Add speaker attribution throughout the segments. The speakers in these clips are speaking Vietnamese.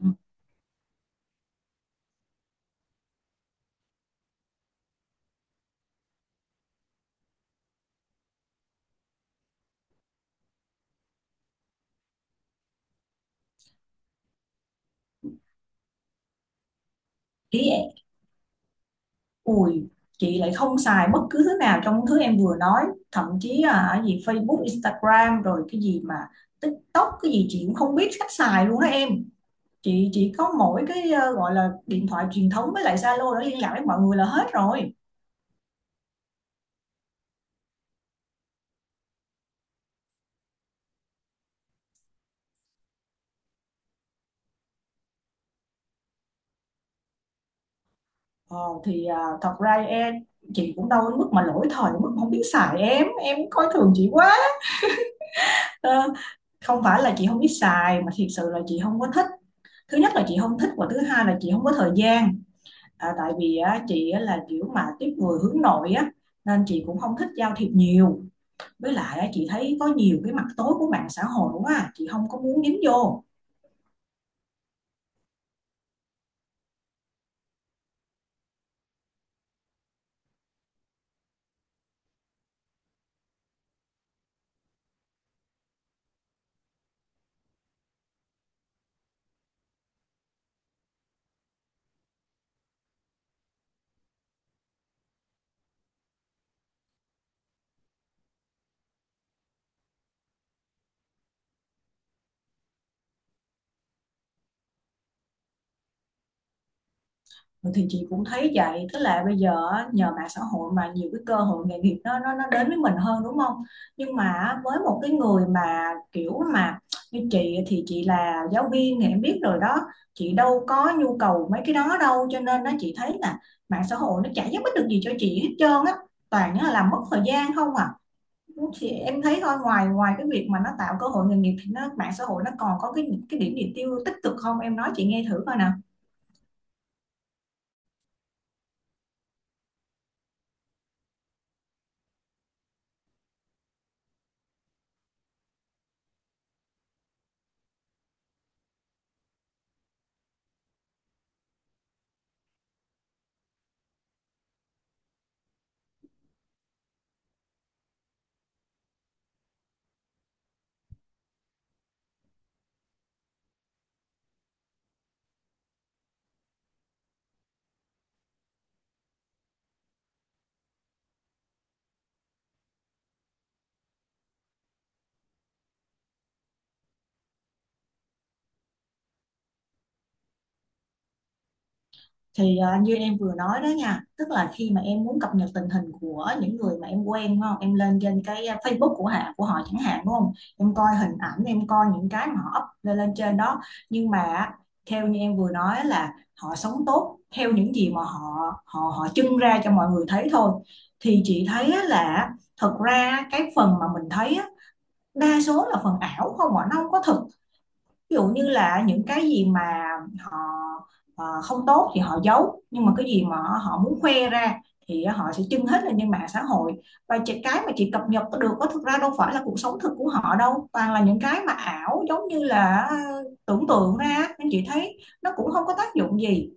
Speaker 1: Ừm, ý em ui chị lại không xài bất cứ thứ nào trong thứ em vừa nói, thậm chí là cái gì Facebook, Instagram rồi cái gì mà TikTok cái gì chị cũng không biết cách xài luôn đó em. Chị chỉ có mỗi cái gọi là điện thoại truyền thống với lại Zalo để liên lạc với mọi người là hết rồi. Ờ, thì à, thật ra em Chị cũng đâu đến mức mà lỗi thời đến mức không biết xài, em coi thường chị quá. Ờ, không phải là chị không biết xài mà thiệt sự là chị không có thích. Thứ nhất là chị không thích và thứ hai là chị không có thời gian. À, tại vì á, chị á, là kiểu mà tiếp người hướng nội á, nên chị cũng không thích giao thiệp nhiều. Với lại á, chị thấy có nhiều cái mặt tối của mạng xã hội quá à. Chị không có muốn dính vô. Ừ, thì chị cũng thấy vậy, tức là bây giờ á, nhờ mạng xã hội mà nhiều cái cơ hội nghề nghiệp nó đến với mình hơn, đúng không? Nhưng mà á, với một cái người mà kiểu mà như chị thì chị là giáo viên thì em biết rồi đó, chị đâu có nhu cầu mấy cái đó đâu, cho nên nó chị thấy là mạng xã hội nó chả giúp ích được gì cho chị hết trơn á, toàn là làm mất thời gian không à. Thì em thấy thôi, ngoài ngoài cái việc mà nó tạo cơ hội nghề nghiệp thì mạng xã hội nó còn có cái điểm gì tích cực không em nói chị nghe thử coi nè. Thì như em vừa nói đó nha, tức là khi mà em muốn cập nhật tình hình của những người mà em quen đúng không, em lên trên cái Facebook của họ chẳng hạn đúng không, em coi hình ảnh, em coi những cái mà họ up lên lên trên đó. Nhưng mà á, theo như em vừa nói là họ sống tốt theo những gì mà họ họ họ trưng ra cho mọi người thấy thôi. Thì chị thấy á là thật ra cái phần mà mình thấy á, đa số là phần ảo không ạ, nó không có thực. Ví dụ như là những cái gì mà họ không tốt thì họ giấu, nhưng mà cái gì mà họ muốn khoe ra thì họ sẽ trưng hết lên trên mạng xã hội. Và cái mà chị cập nhật được có thực ra đâu phải là cuộc sống thực của họ đâu, toàn là những cái mà ảo giống như là tưởng tượng ra, nên chị thấy nó cũng không có tác dụng gì.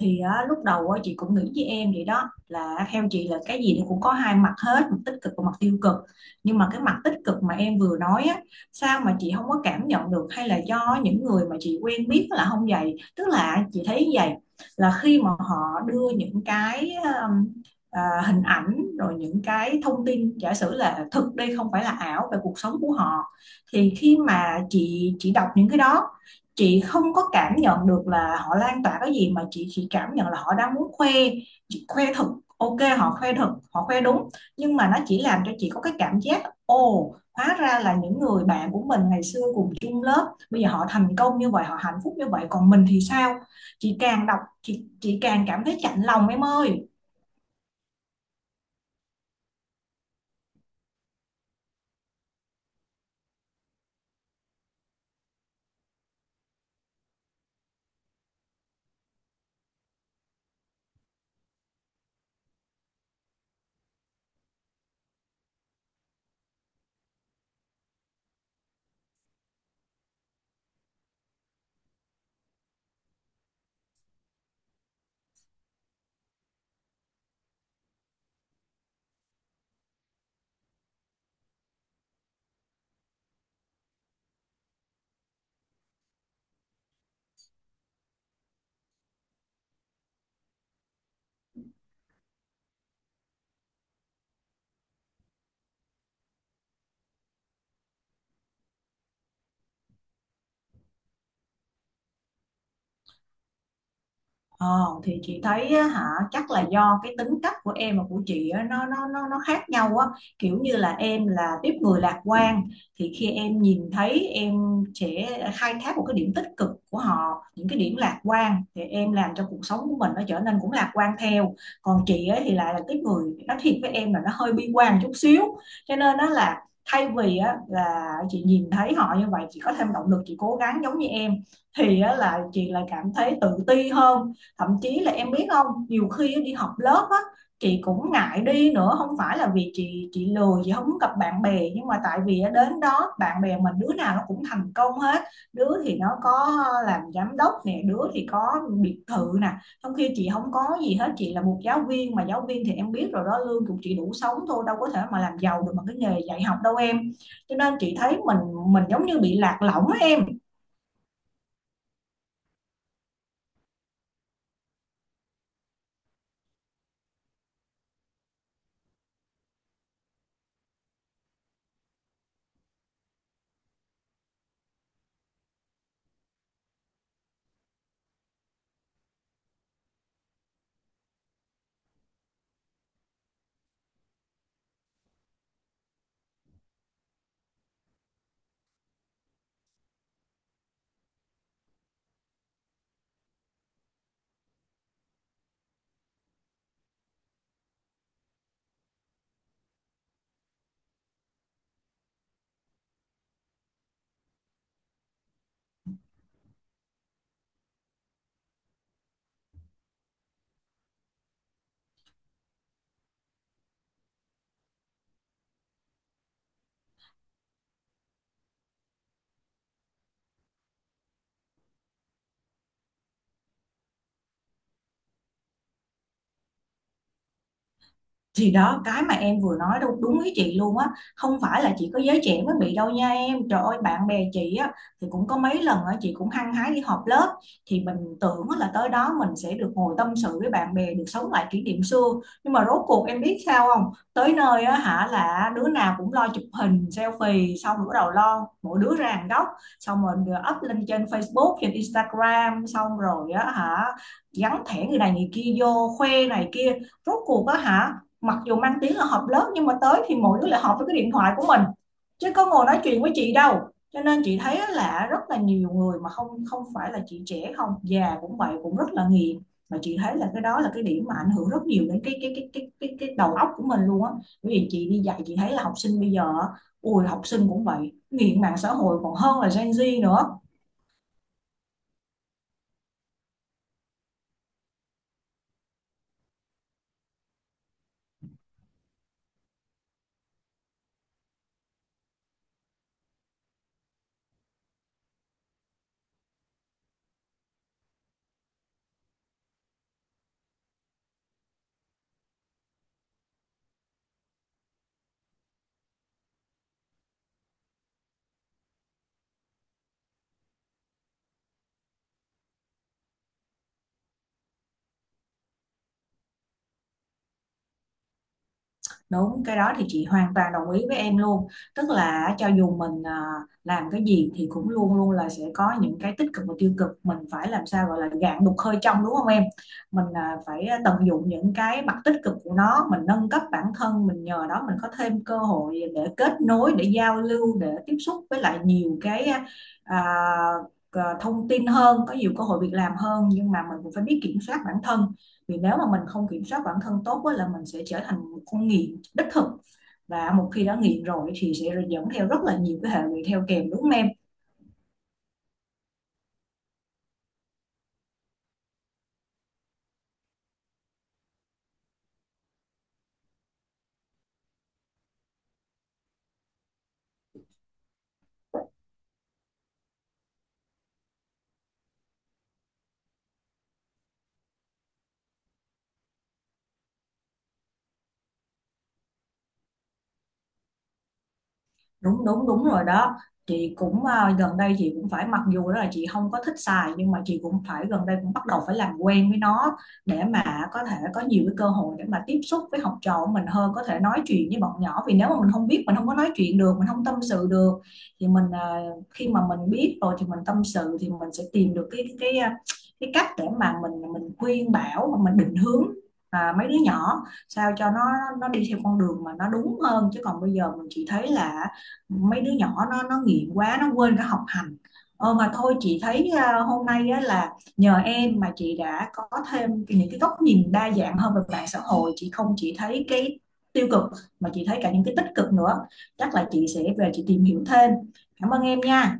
Speaker 1: Thì á, lúc đầu á, chị cũng nghĩ với em vậy đó, là theo chị là cái gì nó cũng có hai mặt hết, mặt tích cực và mặt tiêu cực. Nhưng mà cái mặt tích cực mà em vừa nói á, sao mà chị không có cảm nhận được, hay là do những người mà chị quen biết là không vậy, tức là chị thấy như vậy là khi mà họ đưa những cái hình ảnh rồi những cái thông tin, giả sử là thực đây không phải là ảo, về cuộc sống của họ, thì khi mà chị đọc những cái đó, chị không có cảm nhận được là họ lan tỏa cái gì mà chị chỉ cảm nhận là họ đang muốn khoe. Chị khoe thật, ok họ khoe thật họ khoe đúng, nhưng mà nó chỉ làm cho chị có cái cảm giác ồ, hóa ra là những người bạn của mình ngày xưa cùng chung lớp bây giờ họ thành công như vậy, họ hạnh phúc như vậy, còn mình thì sao? Chị càng đọc chị càng cảm thấy chạnh lòng em ơi. Ờ, thì chị thấy á, hả, chắc là do cái tính cách của em và của chị á, nó khác nhau á, kiểu như là em là tiếp người lạc quan, thì khi em nhìn thấy, em sẽ khai thác một cái điểm tích cực của họ, những cái điểm lạc quan, thì em làm cho cuộc sống của mình nó trở nên cũng lạc quan theo. Còn chị ấy thì lại là tiếp người, nói thiệt với em là nó hơi bi quan chút xíu, cho nên nó là thay vì á, là chị nhìn thấy họ như vậy chị có thêm động lực chị cố gắng giống như em, thì á, là chị lại cảm thấy tự ti hơn. Thậm chí là em biết không, nhiều khi đi học lớp á, chị cũng ngại đi nữa, không phải là vì chị lười chị không muốn gặp bạn bè, nhưng mà tại vì đến đó bạn bè mình đứa nào nó cũng thành công hết. Đứa thì nó có làm giám đốc nè, đứa thì có biệt thự nè, trong khi chị không có gì hết. Chị là một giáo viên mà giáo viên thì em biết rồi đó, lương của chị đủ sống thôi, đâu có thể mà làm giàu được bằng cái nghề dạy học đâu em. Cho nên chị thấy mình giống như bị lạc lõng á em. Thì đó, cái mà em vừa nói đâu đúng ý chị luôn á. Không phải là chỉ có giới trẻ mới bị đâu nha em, trời ơi, bạn bè chị á thì cũng có mấy lần á chị cũng hăng hái đi họp lớp. Thì mình tưởng á là tới đó mình sẽ được ngồi tâm sự với bạn bè, được sống lại kỷ niệm xưa, nhưng mà rốt cuộc em biết sao không, tới nơi á hả là đứa nào cũng lo chụp hình selfie, xong rồi bắt đầu lo mỗi đứa ra hàng góc, xong rồi up lên trên Facebook, trên Instagram, xong rồi á hả gắn thẻ người này người kia vô khoe này kia. Rốt cuộc á hả, mặc dù mang tiếng là họp lớp nhưng mà tới thì mỗi đứa lại họp với cái điện thoại của mình, chứ có ngồi nói chuyện với chị đâu. Cho nên chị thấy là rất là nhiều người mà không, không phải là chị, trẻ không già cũng vậy, cũng rất là nghiện. Mà chị thấy là cái đó là cái điểm mà ảnh hưởng rất nhiều đến cái đầu óc của mình luôn á. Bởi vì chị đi dạy chị thấy là học sinh bây giờ, ui học sinh cũng vậy, nghiện mạng xã hội còn hơn là Gen Z nữa. Đúng, cái đó thì chị hoàn toàn đồng ý với em luôn. Tức là cho dù mình làm cái gì thì cũng luôn luôn là sẽ có những cái tích cực và tiêu cực. Mình phải làm sao gọi là gạn đục hơi trong đúng không em? Mình phải tận dụng những cái mặt tích cực của nó, mình nâng cấp bản thân, mình nhờ đó mình có thêm cơ hội để kết nối, để giao lưu, để tiếp xúc với lại nhiều cái thông tin hơn, có nhiều cơ hội việc làm hơn. Nhưng mà mình cũng phải biết kiểm soát bản thân, vì nếu mà mình không kiểm soát bản thân tốt á, là mình sẽ trở thành một con nghiện đích thực, và một khi đã nghiện rồi thì sẽ dẫn theo rất là nhiều cái hệ lụy theo kèm đúng không em? Đúng đúng đúng rồi đó. Chị cũng gần đây chị cũng phải, mặc dù đó là chị không có thích xài, nhưng mà chị cũng phải gần đây cũng bắt đầu phải làm quen với nó, để mà có thể có nhiều cái cơ hội để mà tiếp xúc với học trò của mình hơn, có thể nói chuyện với bọn nhỏ. Vì nếu mà mình không biết, mình không có nói chuyện được, mình không tâm sự được, thì mình khi mà mình biết rồi thì mình tâm sự thì mình sẽ tìm được cái cách để mà mình khuyên bảo, mà mình định hướng mấy đứa nhỏ, sao cho nó đi theo con đường mà nó đúng hơn. Chứ còn bây giờ mình chỉ thấy là mấy đứa nhỏ nó nghiện quá, nó quên cả học hành. Mà thôi, chị thấy à, hôm nay á, là nhờ em mà chị đã có thêm những cái góc nhìn đa dạng hơn về mạng xã hội, chị không chỉ thấy cái tiêu cực mà chị thấy cả những cái tích cực nữa. Chắc là chị sẽ về chị tìm hiểu thêm. Cảm ơn em nha.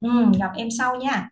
Speaker 1: Ừ, gặp em sau nha.